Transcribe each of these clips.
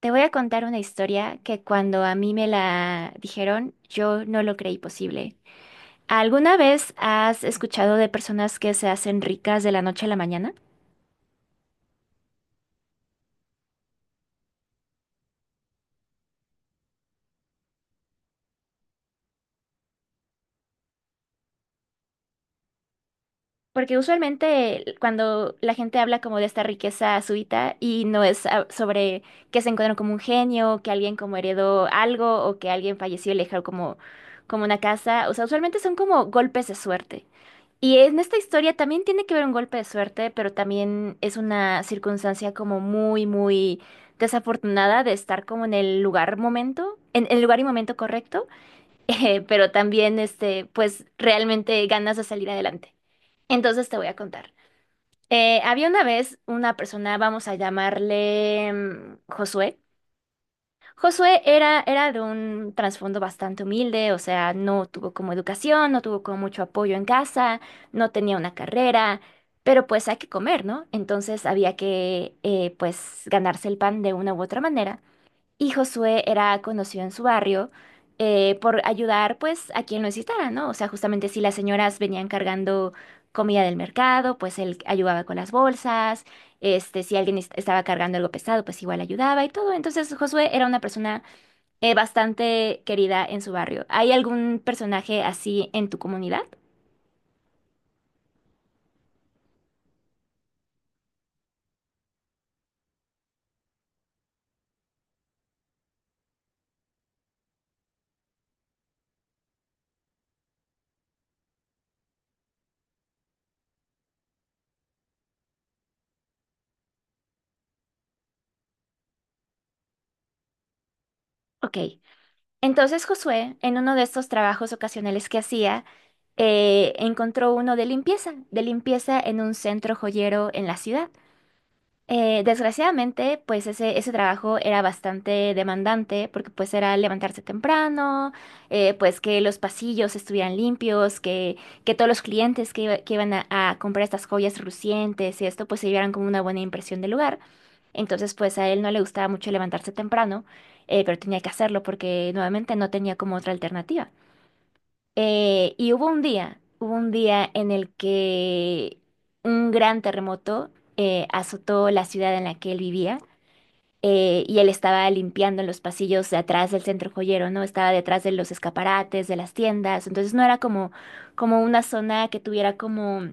Te voy a contar una historia que cuando a mí me la dijeron, yo no lo creí posible. ¿Alguna vez has escuchado de personas que se hacen ricas de la noche a la mañana? Porque usualmente cuando la gente habla como de esta riqueza súbita y no es sobre que se encuentran como un genio, que alguien como heredó algo o que alguien falleció y le dejó como, como una casa, o sea, usualmente son como golpes de suerte. Y en esta historia también tiene que ver un golpe de suerte, pero también es una circunstancia como muy, muy desafortunada de estar como en el lugar momento, en el lugar y momento correcto, pero también este, pues realmente ganas de salir adelante. Entonces te voy a contar. Había una vez una persona, vamos a llamarle Josué. Josué era de un trasfondo bastante humilde, o sea, no tuvo como educación, no tuvo como mucho apoyo en casa, no tenía una carrera, pero pues hay que comer, ¿no? Entonces había que pues ganarse el pan de una u otra manera. Y Josué era conocido en su barrio por ayudar pues a quien lo necesitara, ¿no? O sea, justamente si las señoras venían cargando comida del mercado, pues él ayudaba con las bolsas, este, si alguien estaba cargando algo pesado, pues igual ayudaba y todo. Entonces Josué era una persona bastante querida en su barrio. ¿Hay algún personaje así en tu comunidad? Ok. Entonces Josué, en uno de estos trabajos ocasionales que hacía, encontró uno de limpieza en un centro joyero en la ciudad. Desgraciadamente, pues ese trabajo era bastante demandante porque pues era levantarse temprano, pues que los pasillos estuvieran limpios, que todos los clientes que, que iban a comprar estas joyas relucientes y esto pues se llevaran como una buena impresión del lugar. Entonces pues a él no le gustaba mucho levantarse temprano, pero tenía que hacerlo porque nuevamente no tenía como otra alternativa. Y hubo un día en el que un gran terremoto azotó la ciudad en la que él vivía y él estaba limpiando en los pasillos de atrás del centro joyero, ¿no? Estaba detrás de los escaparates, de las tiendas, entonces no era como, como una zona que tuviera como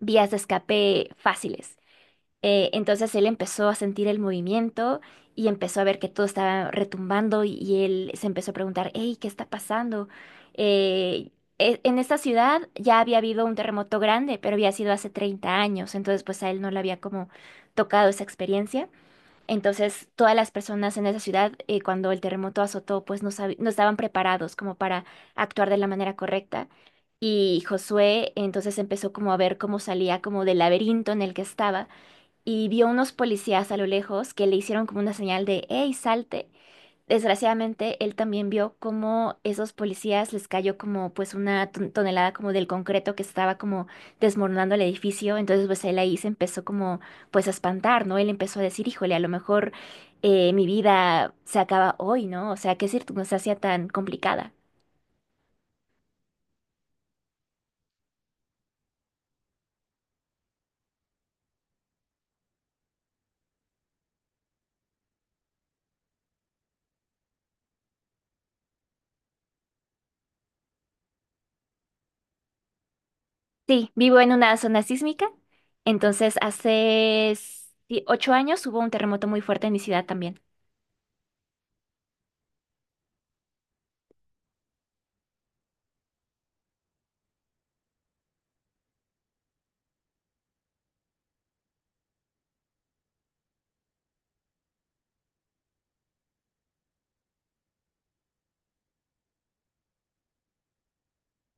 vías de escape fáciles. Entonces él empezó a sentir el movimiento y empezó a ver que todo estaba retumbando y él se empezó a preguntar, hey, ¿qué está pasando? Eh, en esta ciudad ya había habido un terremoto grande, pero había sido hace 30 años, entonces pues a él no le había como tocado esa experiencia. Entonces todas las personas en esa ciudad cuando el terremoto azotó pues no, no estaban preparados como para actuar de la manera correcta. Y Josué entonces empezó como a ver cómo salía como del laberinto en el que estaba y vio unos policías a lo lejos que le hicieron como una señal de, hey, salte. Desgraciadamente, él también vio cómo esos policías les cayó como pues una tonelada como del concreto que estaba como desmoronando el edificio. Entonces, pues él ahí se empezó como pues a espantar, ¿no? Él empezó a decir, híjole, a lo mejor mi vida se acaba hoy, ¿no? O sea, qué circunstancia tan complicada. Sí, vivo en una zona sísmica. Entonces, hace sí, 8 años hubo un terremoto muy fuerte en mi ciudad también.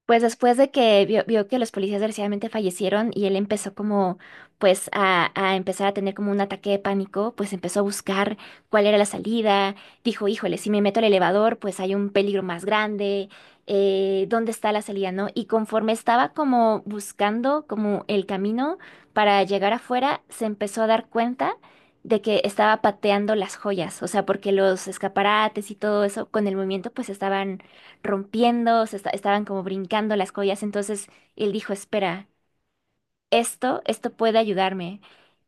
Pues después de que vio que los policías desgraciadamente fallecieron y él empezó como pues a empezar a tener como un ataque de pánico, pues empezó a buscar cuál era la salida, dijo, híjole, si me meto al elevador pues hay un peligro más grande, ¿dónde está la salida, no? Y conforme estaba como buscando como el camino para llegar afuera, se empezó a dar cuenta de que estaba pateando las joyas, o sea, porque los escaparates y todo eso con el movimiento pues estaban rompiendo, se estaban como brincando las collas. Entonces él dijo, espera, esto puede ayudarme.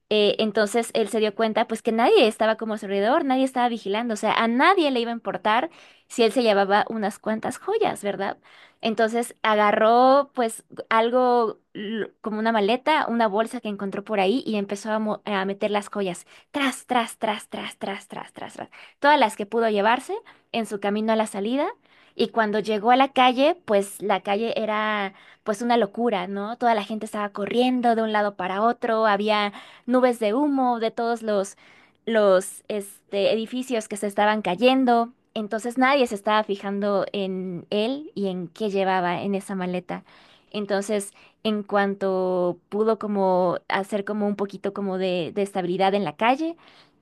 Entonces él se dio cuenta pues que nadie estaba como a su alrededor, nadie estaba vigilando, o sea, a nadie le iba a importar si él se llevaba unas cuantas joyas, ¿verdad? Entonces agarró pues algo como una maleta, una bolsa que encontró por ahí y empezó a, a meter las joyas, tras, tras, tras, tras, tras, tras, tras, tras, todas las que pudo llevarse en su camino a la salida. Y cuando llegó a la calle, pues la calle era pues una locura, ¿no? Toda la gente estaba corriendo de un lado para otro, había nubes de humo de todos los este, edificios que se estaban cayendo. Entonces nadie se estaba fijando en él y en qué llevaba en esa maleta. Entonces, en cuanto pudo como hacer como un poquito como de estabilidad en la calle,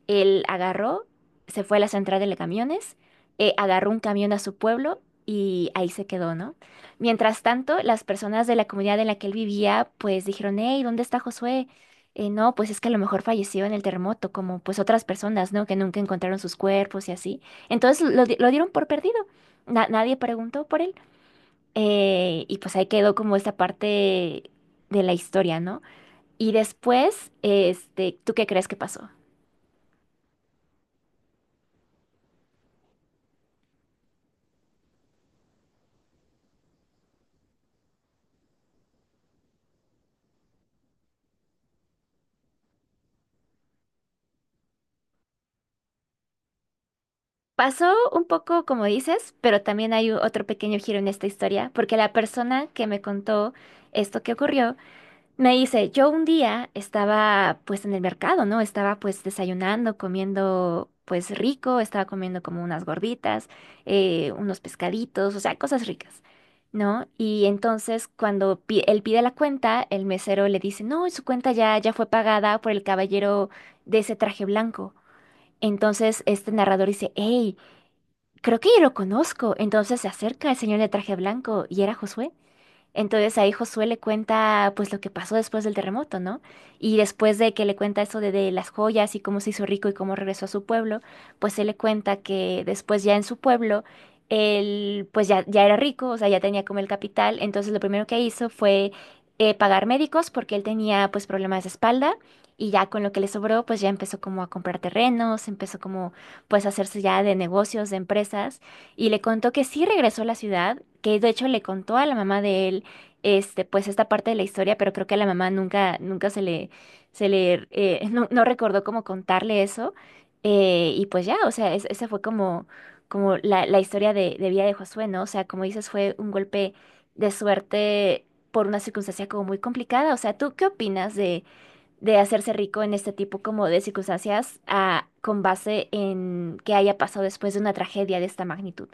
él agarró, se fue a la central de camiones, agarró un camión a su pueblo y ahí se quedó, ¿no? Mientras tanto, las personas de la comunidad en la que él vivía, pues dijeron, hey, ¿dónde está Josué? No, pues es que a lo mejor falleció en el terremoto, como pues otras personas, ¿no? Que nunca encontraron sus cuerpos y así. Entonces lo dieron por perdido. Nadie preguntó por él. Y pues ahí quedó como esta parte de la historia, ¿no? Y después, este, ¿tú qué crees que pasó? Pasó un poco como dices, pero también hay otro pequeño giro en esta historia, porque la persona que me contó esto que ocurrió, me dice, yo un día estaba pues en el mercado, ¿no? Estaba pues desayunando, comiendo pues rico, estaba comiendo como unas gorditas, unos pescaditos, o sea, cosas ricas, ¿no? Y entonces cuando él pide la cuenta, el mesero le dice, no, su cuenta ya fue pagada por el caballero de ese traje blanco. Entonces este narrador dice, hey, creo que yo lo conozco. Entonces se acerca el señor de traje blanco y era Josué. Entonces ahí Josué le cuenta pues lo que pasó después del terremoto, ¿no? Y después de que le cuenta eso de las joyas y cómo se hizo rico y cómo regresó a su pueblo, pues él le cuenta que después ya en su pueblo, él pues ya era rico, o sea, ya tenía como el capital, entonces lo primero que hizo fue pagar médicos porque él tenía pues problemas de espalda y ya con lo que le sobró pues ya empezó como a comprar terrenos, empezó como pues a hacerse ya de negocios, de empresas y le contó que sí regresó a la ciudad, que de hecho le contó a la mamá de él este, pues esta parte de la historia, pero creo que a la mamá nunca se le, no recordó cómo contarle eso. Y pues ya, o sea, esa fue como, como la historia de vida de Josué, ¿no? O sea, como dices, fue un golpe de suerte por una circunstancia como muy complicada. O sea, ¿tú qué opinas de hacerse rico en este tipo como de circunstancias con base en que haya pasado después de una tragedia de esta magnitud?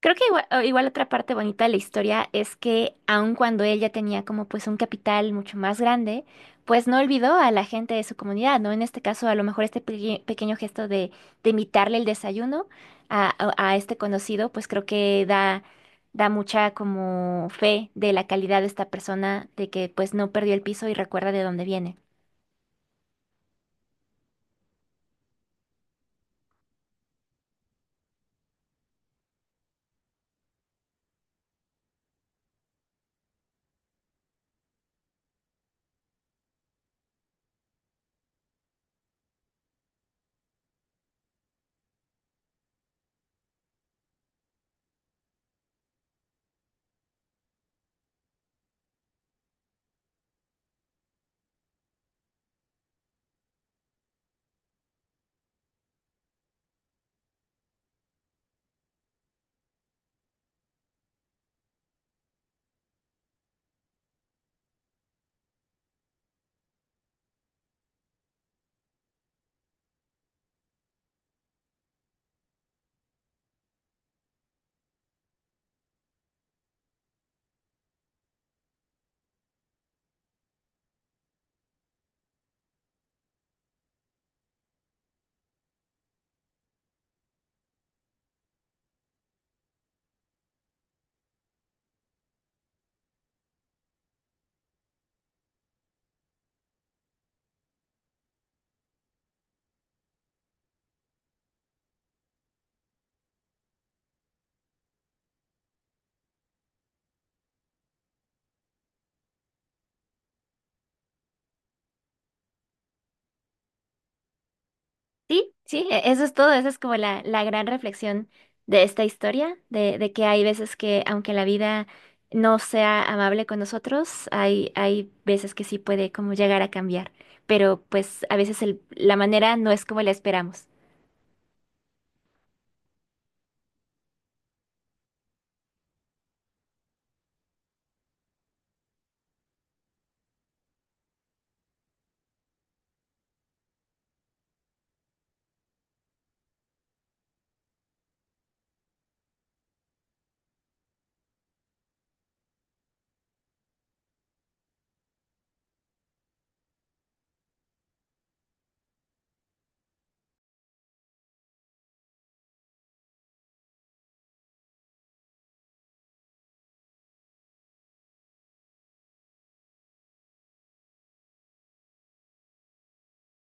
Creo que igual, o igual otra parte bonita de la historia es que aun cuando él ya tenía como pues un capital mucho más grande, pues no olvidó a la gente de su comunidad, ¿no? En este caso, a lo mejor este pequeño gesto de invitarle el desayuno a, a este conocido, pues creo que da, da mucha como fe de la calidad de esta persona, de que pues no perdió el piso y recuerda de dónde viene. Sí, sí, eso es todo, esa es como la gran reflexión de esta historia, de que hay veces que aunque la vida no sea amable con nosotros, hay veces que sí puede como llegar a cambiar, pero pues a veces la manera no es como la esperamos.